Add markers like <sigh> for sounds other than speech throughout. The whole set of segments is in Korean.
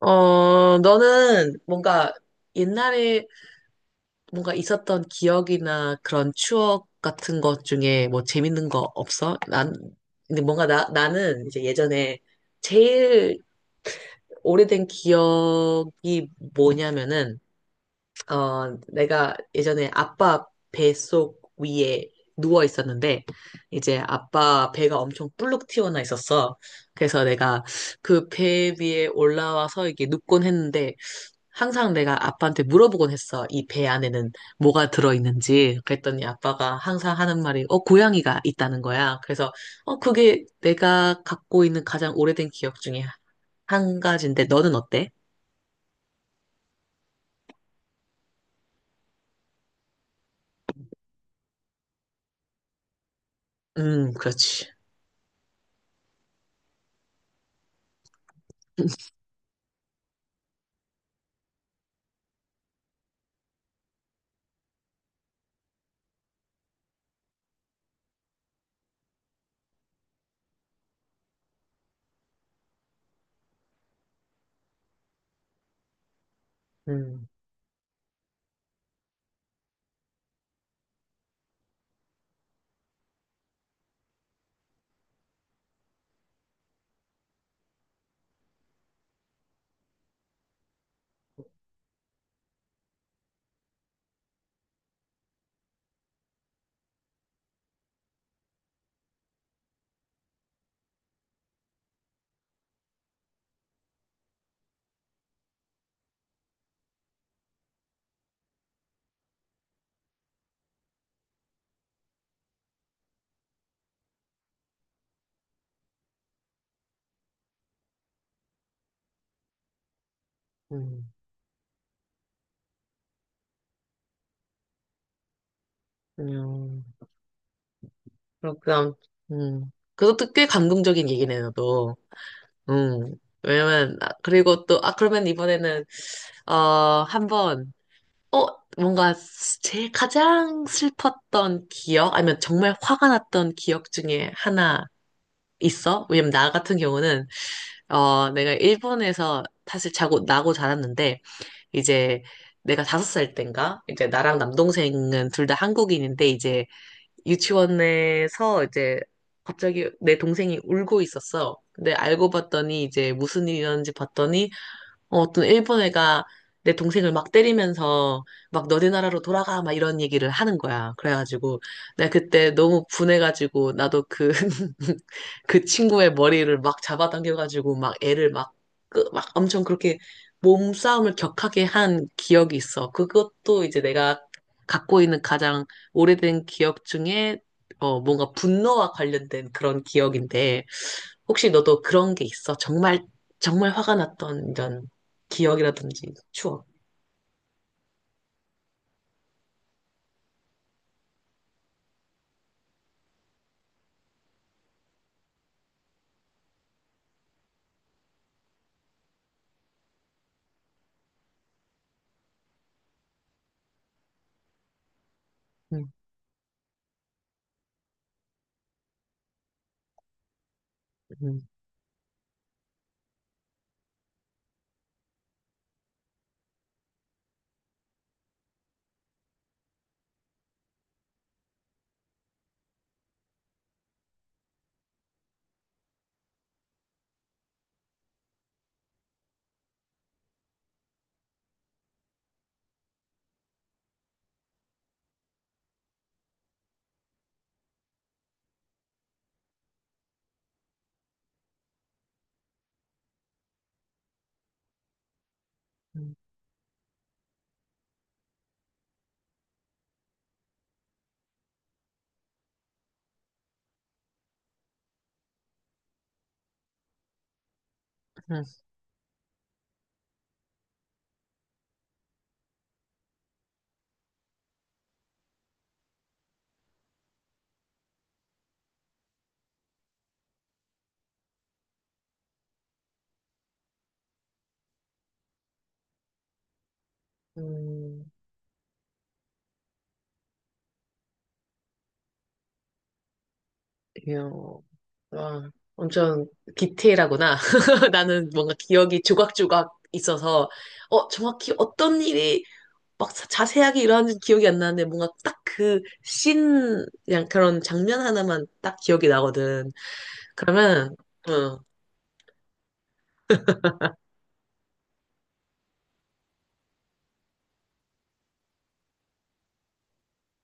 너는 뭔가 옛날에 뭔가 있었던 기억이나 그런 추억 같은 것 중에 뭐 재밌는 거 없어? 난, 근데 뭔가 나는 이제 예전에 제일 오래된 기억이 뭐냐면은, 내가 예전에 아빠 뱃속 위에 누워 있었는데, 이제 아빠 배가 엄청 불룩 튀어나 있었어. 그래서 내가 그 배 위에 올라와서 이게 눕곤 했는데, 항상 내가 아빠한테 물어보곤 했어. 이 배 안에는 뭐가 들어있는지. 그랬더니 아빠가 항상 하는 말이, 고양이가 있다는 거야. 그래서, 그게 내가 갖고 있는 가장 오래된 기억 중에 한 가지인데, 너는 어때? 그렇지. 음, 음, 음. 그럼, 그것도 꽤 감동적인 얘기네, 너도. 음. 왜냐면, 아, 그리고 또, 아, 그러면 이번에는, 어, 한번, 어, 뭔가 제일 가장 슬펐던 기억, 아니면 정말 화가 났던 기억 중에 하나 있어? 왜냐면 나 같은 경우는, 내가 일본에서 사실 나고 자랐는데, 이제 내가 5살 땐가? 이제 나랑 남동생은 둘 다 한국인인데, 이제 유치원에서 이제 갑자기 내 동생이 울고 있었어. 근데 알고 봤더니 이제 무슨 일이었는지 봤더니 어떤 일본 애가 내 동생을 막 때리면서 막 너네 나라로 돌아가 막 이런 얘기를 하는 거야. 그래가지고 내가 그때 너무 분해가지고 나도 그, <laughs> 그 친구의 머리를 막 잡아당겨가지고 막 애를 막, 막 엄청 그렇게 몸싸움을 격하게 한 기억이 있어. 그것도 이제 내가 갖고 있는 가장 오래된 기억 중에 뭔가 분노와 관련된 그런 기억인데 혹시 너도 그런 게 있어? 정말 정말 화가 났던 이런 기억이라든지 추억. 음, 음, 음, 음, 음, 이야, 와, 엄청 디테일하구나. <laughs> 나는 뭔가 기억이 조각조각 있어서, 정확히 어떤 일이 막 자세하게 일어났는지 기억이 안 나는데, 뭔가 딱 그 씬, 그냥 그런 장면 하나만 딱 기억이 나거든. 그러면, 어,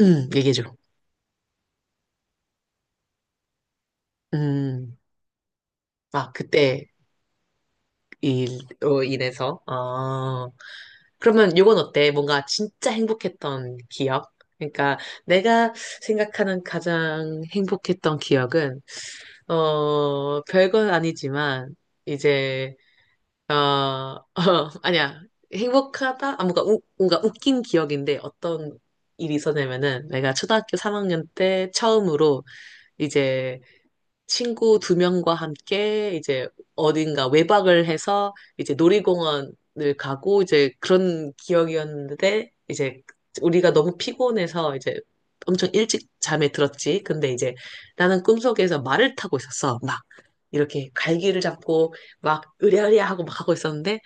얘기해줘. 음, 아, 그때 일, 로 인해서, 아, 그러면 요건 어때? 뭔가 진짜 행복했던 기억? 그러니까 내가 생각하는 가장 행복했던 기억은, 별건 아니지만, 이제, 어, <laughs> 아니야. 행복하다? 아, 뭔가, 우, 뭔가 웃긴 기억인데 어떤 일이 있었냐면은 내가 초등학교 3학년 때 처음으로 이제 친구 두 명과 함께 이제 어딘가 외박을 해서 이제 놀이공원을 가고 이제 그런 기억이었는데 이제 우리가 너무 피곤해서 이제 엄청 일찍 잠에 들었지. 근데 이제 나는 꿈속에서 말을 타고 있었어. 막 이렇게 갈기를 잡고 막 으랴으랴 하고 막 하고 있었는데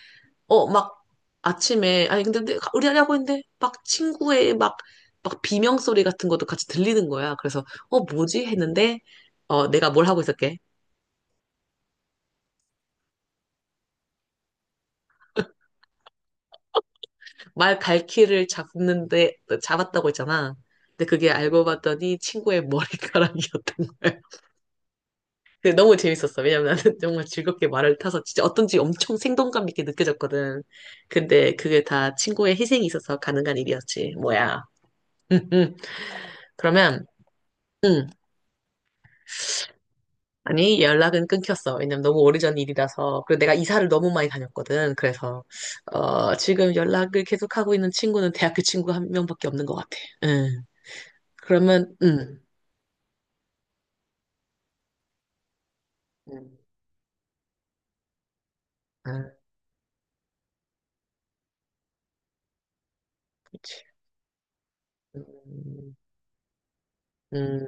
막 아침에, 아니, 근데 의리하고 있는데, 막 친구의 막, 막 비명 소리 같은 것도 같이 들리는 거야. 그래서, 어, 뭐지? 했는데, 내가 뭘 하고 있었게? 말 갈퀴를 잡는데, 잡았다고 했잖아. 근데 그게 알고 봤더니 친구의 머리카락이었던 거야. <laughs> 근데 너무 재밌었어. 왜냐면 나는 <laughs> 정말 즐겁게 말을 타서 진짜 어떤지 엄청 생동감 있게 느껴졌거든. 근데 그게 다 친구의 희생이 있어서 가능한 일이었지. 뭐야. <laughs> 그러면, 음. 아니, 연락은 끊겼어. 왜냐면 너무 오래전 일이라서. 그리고 내가 이사를 너무 많이 다녔거든. 그래서, 지금 연락을 계속하고 있는 친구는 대학교 친구 1명밖에 없는 것 같아. 응. 그러면, 응. 응. 아, 그렇지. 음, 음,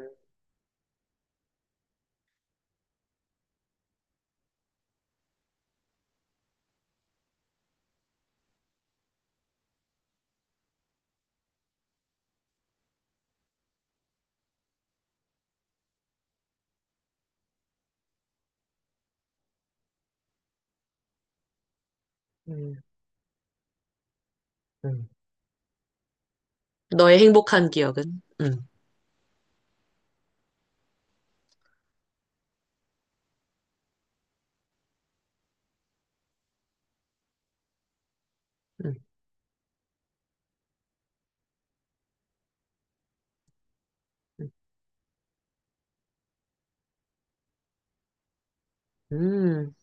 음, 음. 너의 행복한 기억은? 응. 응. 응. 음,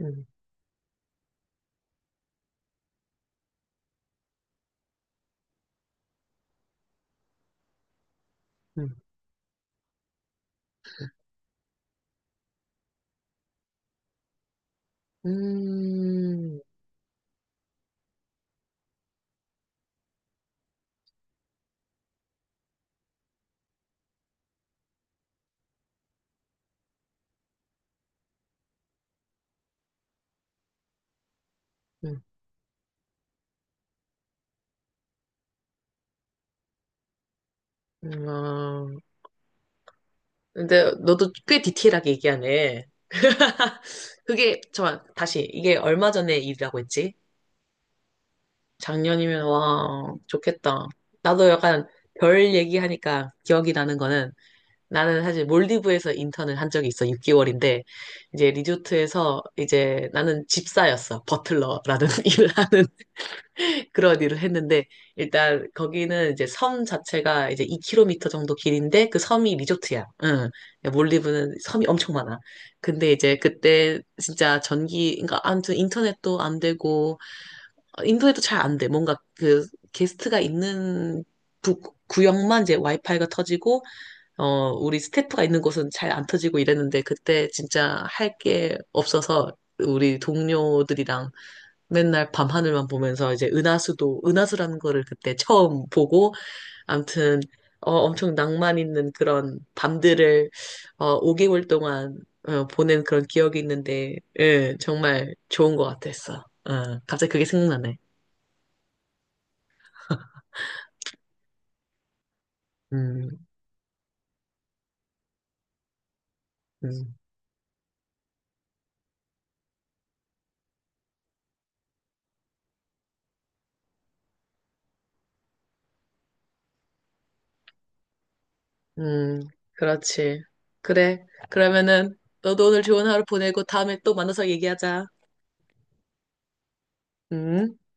음, 음, 음, 음, 어. 근데 너도 꽤 디테일하게 얘기하네. <laughs> 그게, 잠깐 다시, 이게 얼마 전의 일이라고 했지? 작년이면 와 좋겠다. 나도 약간 별 얘기하니까 기억이 나는 거는 나는 사실 몰디브에서 인턴을 한 적이 있어 6개월인데 이제 리조트에서 이제 나는 집사였어 버틀러라는 <laughs> 일을 하는 그런 일을 했는데 일단 거기는 이제 섬 자체가 이제 2km 정도 길인데 그 섬이 리조트야. 응. 그러니까 몰디브는 섬이 엄청 많아. 근데 이제 그때 진짜 전기 그러니까 아무튼 인터넷도 안 되고 인도에도 잘 안 돼. 뭔가 그 게스트가 있는 부- 구역만 이제 와이파이가 터지고, 우리 스태프가 있는 곳은 잘 안 터지고 이랬는데, 그때 진짜 할 게 없어서 우리 동료들이랑 맨날 밤하늘만 보면서 이제 은하수라는 거를 그때 처음 보고, 암튼, 엄청 낭만 있는 그런 밤들을, 5개월 동안, 보낸 그런 기억이 있는데, 예, 정말 좋은 것 같았어. 갑자기 그게 생각나네. 음. 음, 음, 그렇지. 그래. 그러면은 너도 오늘 좋은 하루 보내고 다음에 또 만나서 얘기하자. 음.